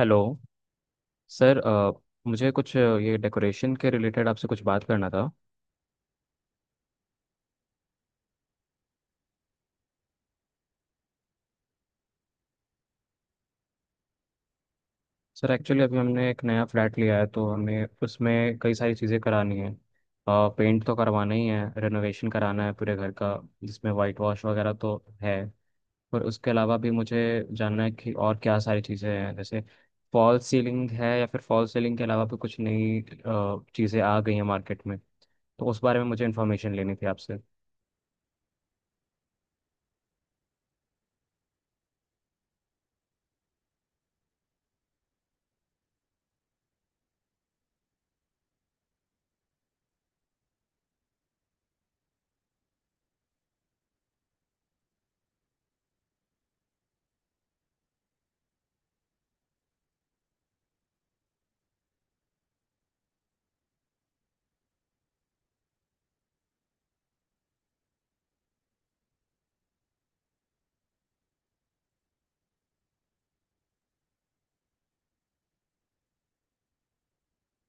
Hello sir, मुझे कुछ ये डेकोरेशन के रिलेटेड आपसे कुछ बात करना था। सर एक्चुअली अभी हमने एक नया फ्लैट लिया है, तो हमें उसमें कई सारी चीज़ें करानी है। पेंट तो करवाना ही है, रेनोवेशन कराना है पूरे घर का, जिसमें वाइट वॉश वगैरह तो है। पर उसके अलावा भी मुझे जानना है कि और क्या सारी चीज़ें हैं, जैसे फॉल सीलिंग है, या फिर फॉल सीलिंग के अलावा भी कुछ नई चीज़ें आ गई हैं मार्केट में, तो उस बारे में मुझे इन्फॉर्मेशन लेनी थी आपसे।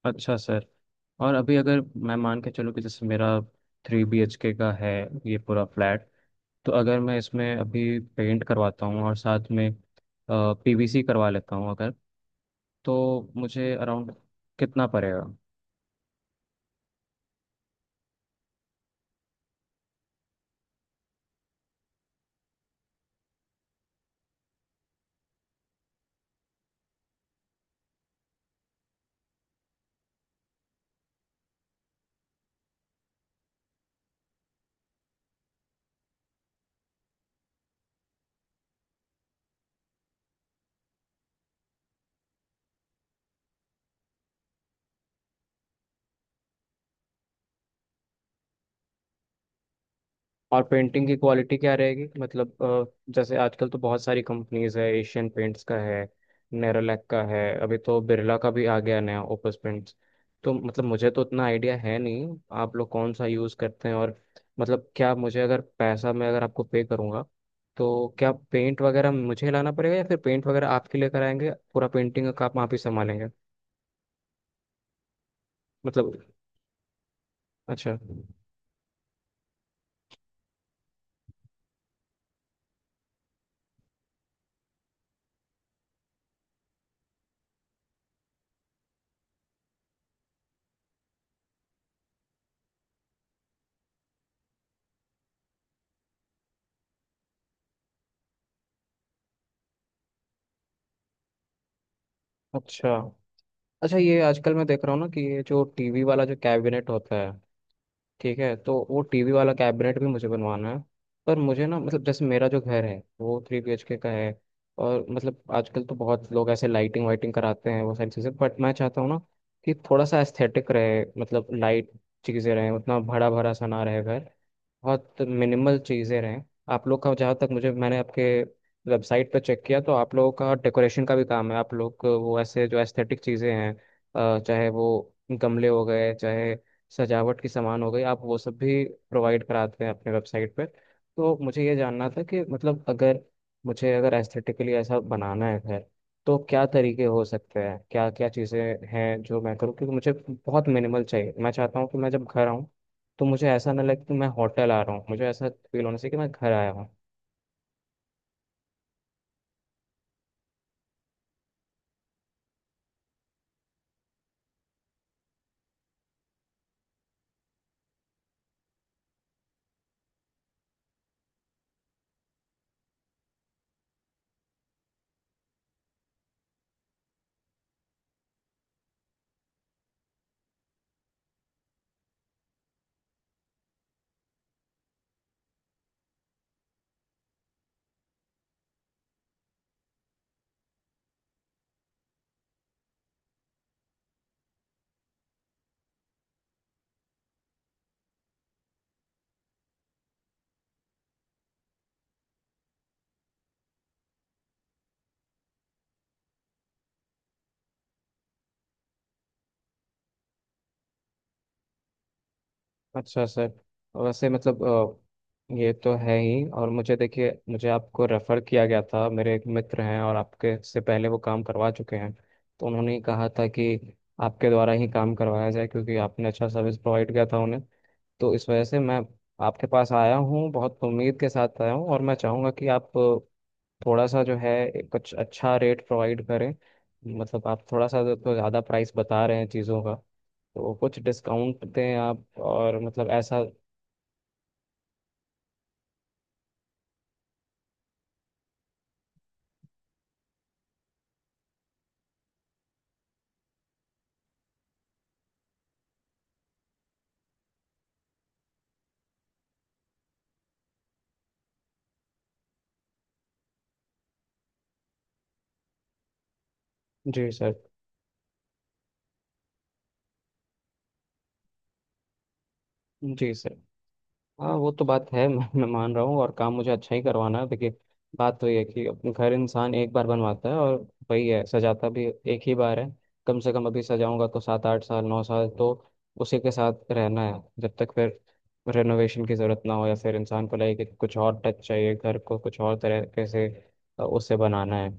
अच्छा सर। और अभी अगर मैं मान के चलूँ कि जैसे मेरा 3 BHK का है ये पूरा फ्लैट, तो अगर मैं इसमें अभी पेंट करवाता हूँ और साथ में पीवीसी करवा लेता हूँ अगर, तो मुझे अराउंड कितना पड़ेगा? और पेंटिंग की क्वालिटी क्या रहेगी? मतलब, जैसे आजकल तो बहुत सारी कंपनीज है, एशियन पेंट्स का है, नेरोलैक का है, अभी तो बिरला का भी आ गया नया ओपस पेंट्स। तो मतलब मुझे तो उतना आइडिया है नहीं, आप लोग कौन सा यूज़ करते हैं? और मतलब क्या मुझे, अगर पैसा मैं अगर आपको पे करूँगा, तो क्या पेंट वगैरह मुझे लाना पड़ेगा या फिर पेंट वगैरह आपके लिए कराएंगे, पूरा पेंटिंग का आप वहाँ पे संभालेंगे? मतलब अच्छा। अच्छा, अच्छा ये आजकल मैं देख रहा हूँ ना कि ये जो टीवी वाला जो कैबिनेट होता है, ठीक है, तो वो टीवी वाला कैबिनेट भी मुझे बनवाना है। पर मुझे ना, मतलब जैसे मेरा जो घर है वो 3 BHK का है, और मतलब आजकल तो बहुत लोग ऐसे लाइटिंग वाइटिंग कराते हैं, वो सारी चीज़ें, बट मैं चाहता हूँ ना कि थोड़ा सा एस्थेटिक रहे, मतलब लाइट चीज़ें रहे, उतना भरा भरा सा ना रहे घर, बहुत मिनिमल चीज़ें रहें। आप लोग का, जहाँ तक मुझे, मैंने आपके वेबसाइट पर चेक किया, तो आप लोगों का डेकोरेशन का भी काम है, आप लोग को वो ऐसे जो एस्थेटिक चीज़ें हैं, चाहे वो गमले हो गए, चाहे सजावट की सामान हो गई, आप वो सब भी प्रोवाइड कराते हैं अपने वेबसाइट पर। तो मुझे ये जानना था कि मतलब अगर मुझे, अगर एस्थेटिकली ऐसा बनाना है घर, तो क्या तरीके हो सकते हैं, क्या क्या चीज़ें हैं जो मैं करूँ, क्योंकि मुझे बहुत मिनिमल चाहिए। मैं चाहता हूँ कि मैं जब घर आऊँ, तो मुझे ऐसा ना लगे कि मैं होटल आ रहा हूँ, मुझे ऐसा फील होना चाहिए कि मैं घर आया हूँ। अच्छा सर, तो वैसे मतलब, ये तो है ही। और मुझे, देखिए, मुझे आपको रेफ़र किया गया था, मेरे एक मित्र हैं और आपके से पहले वो काम करवा चुके हैं, तो उन्होंने ही कहा था कि आपके द्वारा ही काम करवाया जाए, क्योंकि आपने अच्छा सर्विस प्रोवाइड किया था उन्हें। तो इस वजह से मैं आपके पास आया हूँ, बहुत उम्मीद के साथ आया हूँ। और मैं चाहूँगा कि आप थोड़ा सा, जो है, कुछ अच्छा रेट प्रोवाइड करें। मतलब आप थोड़ा सा तो ज़्यादा प्राइस बता रहे हैं चीज़ों का, तो कुछ डिस्काउंट दें आप, और मतलब ऐसा। जी सर। जी सर। हाँ, वो तो बात है मैं मान रहा हूँ, और काम मुझे अच्छा ही करवाना है। देखिए, बात तो ये है कि अपने घर इंसान एक बार बनवाता है, और वही है, सजाता भी एक ही बार है। कम से कम अभी सजाऊंगा तो 7 8 साल, 9 साल तो उसी के साथ रहना है, जब तक फिर रेनोवेशन की ज़रूरत ना हो, या फिर इंसान को लगे कि कुछ और टच चाहिए, घर को कुछ और तरीके से उससे बनाना है,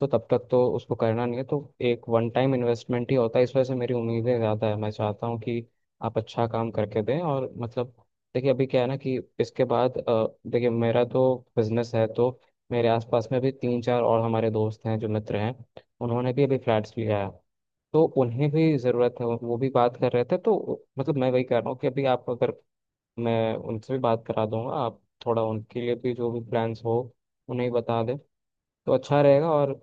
तो तब तक तो उसको करना नहीं है। तो एक वन टाइम इन्वेस्टमेंट ही होता है, इस वजह से मेरी उम्मीदें ज़्यादा है। मैं चाहता हूँ कि आप अच्छा काम करके दें। और मतलब देखिए, अभी क्या है ना, कि इसके बाद, देखिए, मेरा तो बिजनेस है, तो मेरे आसपास में भी 3 4 और हमारे दोस्त हैं, जो मित्र हैं, उन्होंने भी अभी फ्लैट्स लिया है, तो उन्हें भी ज़रूरत है, वो भी बात कर रहे थे। तो मतलब मैं वही कह रहा हूँ कि अभी आप, अगर मैं उनसे भी बात करा दूंगा, आप थोड़ा उनके लिए भी जो भी प्लान्स हो उन्हें बता दें, तो अच्छा रहेगा। और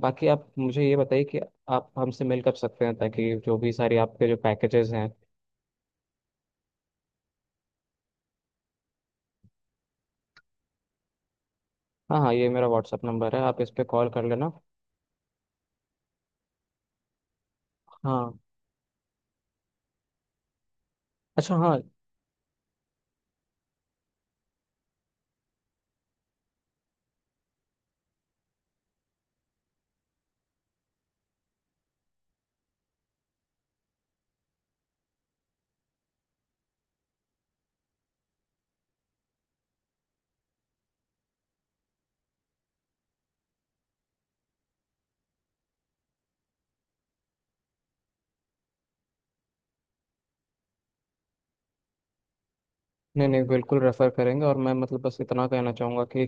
बाकी आप मुझे ये बताइए कि आप हमसे मिल कर सकते हैं, ताकि जो भी सारी आपके जो पैकेजेस हैं। हाँ हाँ, ये मेरा व्हाट्सअप नंबर है, आप इस पर कॉल कर लेना। हाँ। अच्छा, हाँ। नहीं नहीं, बिल्कुल रेफर करेंगे। और मैं, मतलब बस इतना कहना चाहूँगा कि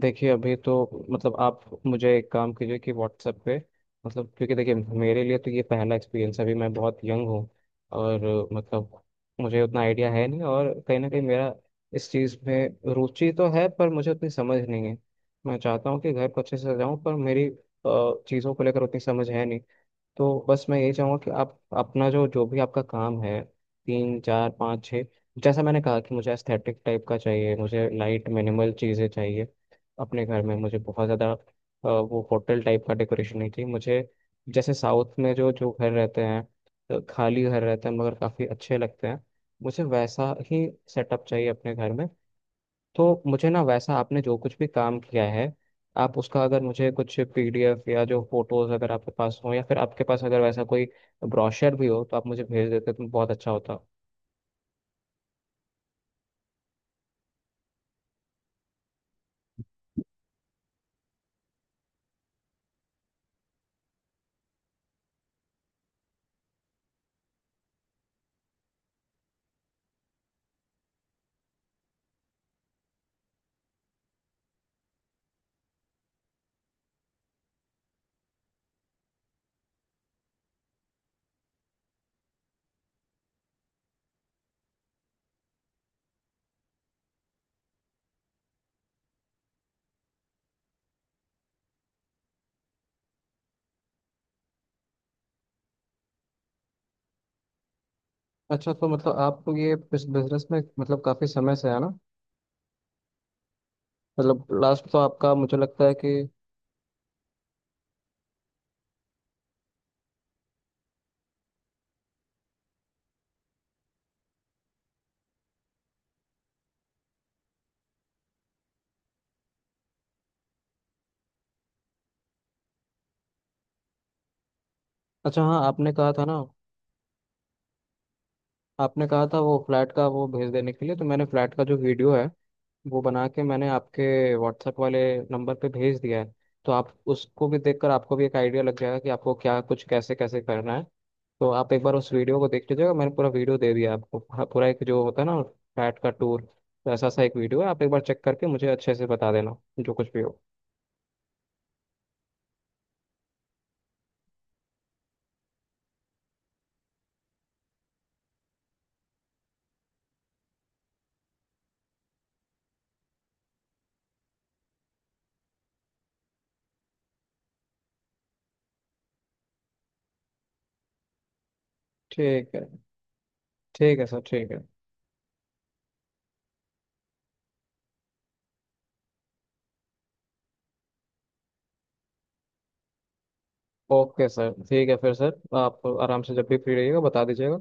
देखिए, अभी तो मतलब आप मुझे एक काम कीजिए कि व्हाट्सएप पे, मतलब क्योंकि देखिए, मेरे लिए तो ये पहला एक्सपीरियंस है, अभी मैं बहुत यंग हूँ, और मतलब मुझे उतना आइडिया है नहीं, और कहीं ना कहीं मेरा इस चीज़ में रुचि तो है, पर मुझे उतनी समझ नहीं है। मैं चाहता हूँ कि घर को अच्छे से सजाऊँ, पर मेरी चीज़ों को लेकर उतनी समझ है नहीं। तो बस मैं यही चाहूँगा कि आप अपना जो, जो भी आपका काम है, 3 4 5 6, जैसा मैंने कहा कि मुझे एस्थेटिक टाइप का चाहिए, मुझे लाइट मिनिमल चीज़ें चाहिए अपने घर में। मुझे बहुत ज़्यादा वो होटल टाइप का डेकोरेशन नहीं चाहिए। मुझे जैसे साउथ में जो जो घर रहते हैं, खाली घर रहते हैं मगर काफ़ी अच्छे लगते हैं, मुझे वैसा ही सेटअप चाहिए अपने घर में। तो मुझे ना, वैसा आपने जो कुछ भी काम किया है, आप उसका, अगर मुझे कुछ पीडीएफ या जो फोटोज अगर आपके पास हो, या फिर आपके पास अगर वैसा कोई ब्रोशर भी हो, तो आप मुझे भेज देते तो बहुत अच्छा होता। अच्छा, तो मतलब आपको ये इस बिजनेस में, मतलब काफी समय से है ना, मतलब लास्ट तो आपका मुझे लगता है कि। अच्छा, हाँ। आपने कहा था ना, आपने कहा था वो फ्लैट का वो भेज देने के लिए, तो मैंने फ्लैट का जो वीडियो है, वो बना के मैंने आपके व्हाट्सएप वाले नंबर पे भेज दिया है। तो आप उसको भी देखकर, आपको भी एक आइडिया लग जाएगा कि आपको क्या कुछ कैसे कैसे करना है। तो आप एक बार उस वीडियो को देख लीजिएगा, मैंने पूरा वीडियो दे दिया आपको, पूरा पूरा एक जो होता है ना फैट का टूर, तो ऐसा सा एक वीडियो है, आप एक बार चेक करके मुझे अच्छे से बता देना, जो कुछ भी हो। ठीक है। ठीक है सर, ठीक है। ओके सर, ठीक है फिर। सर आप आराम से जब भी फ्री रहिएगा बता दीजिएगा।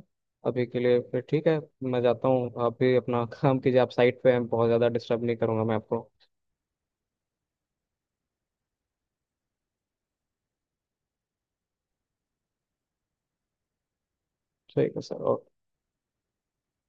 अभी के लिए फिर ठीक है, मैं जाता हूँ, आप भी अपना काम कीजिए, आप साइट पे हैं, बहुत ज़्यादा डिस्टर्ब नहीं करूँगा मैं आपको। ठीक है सर, ओके।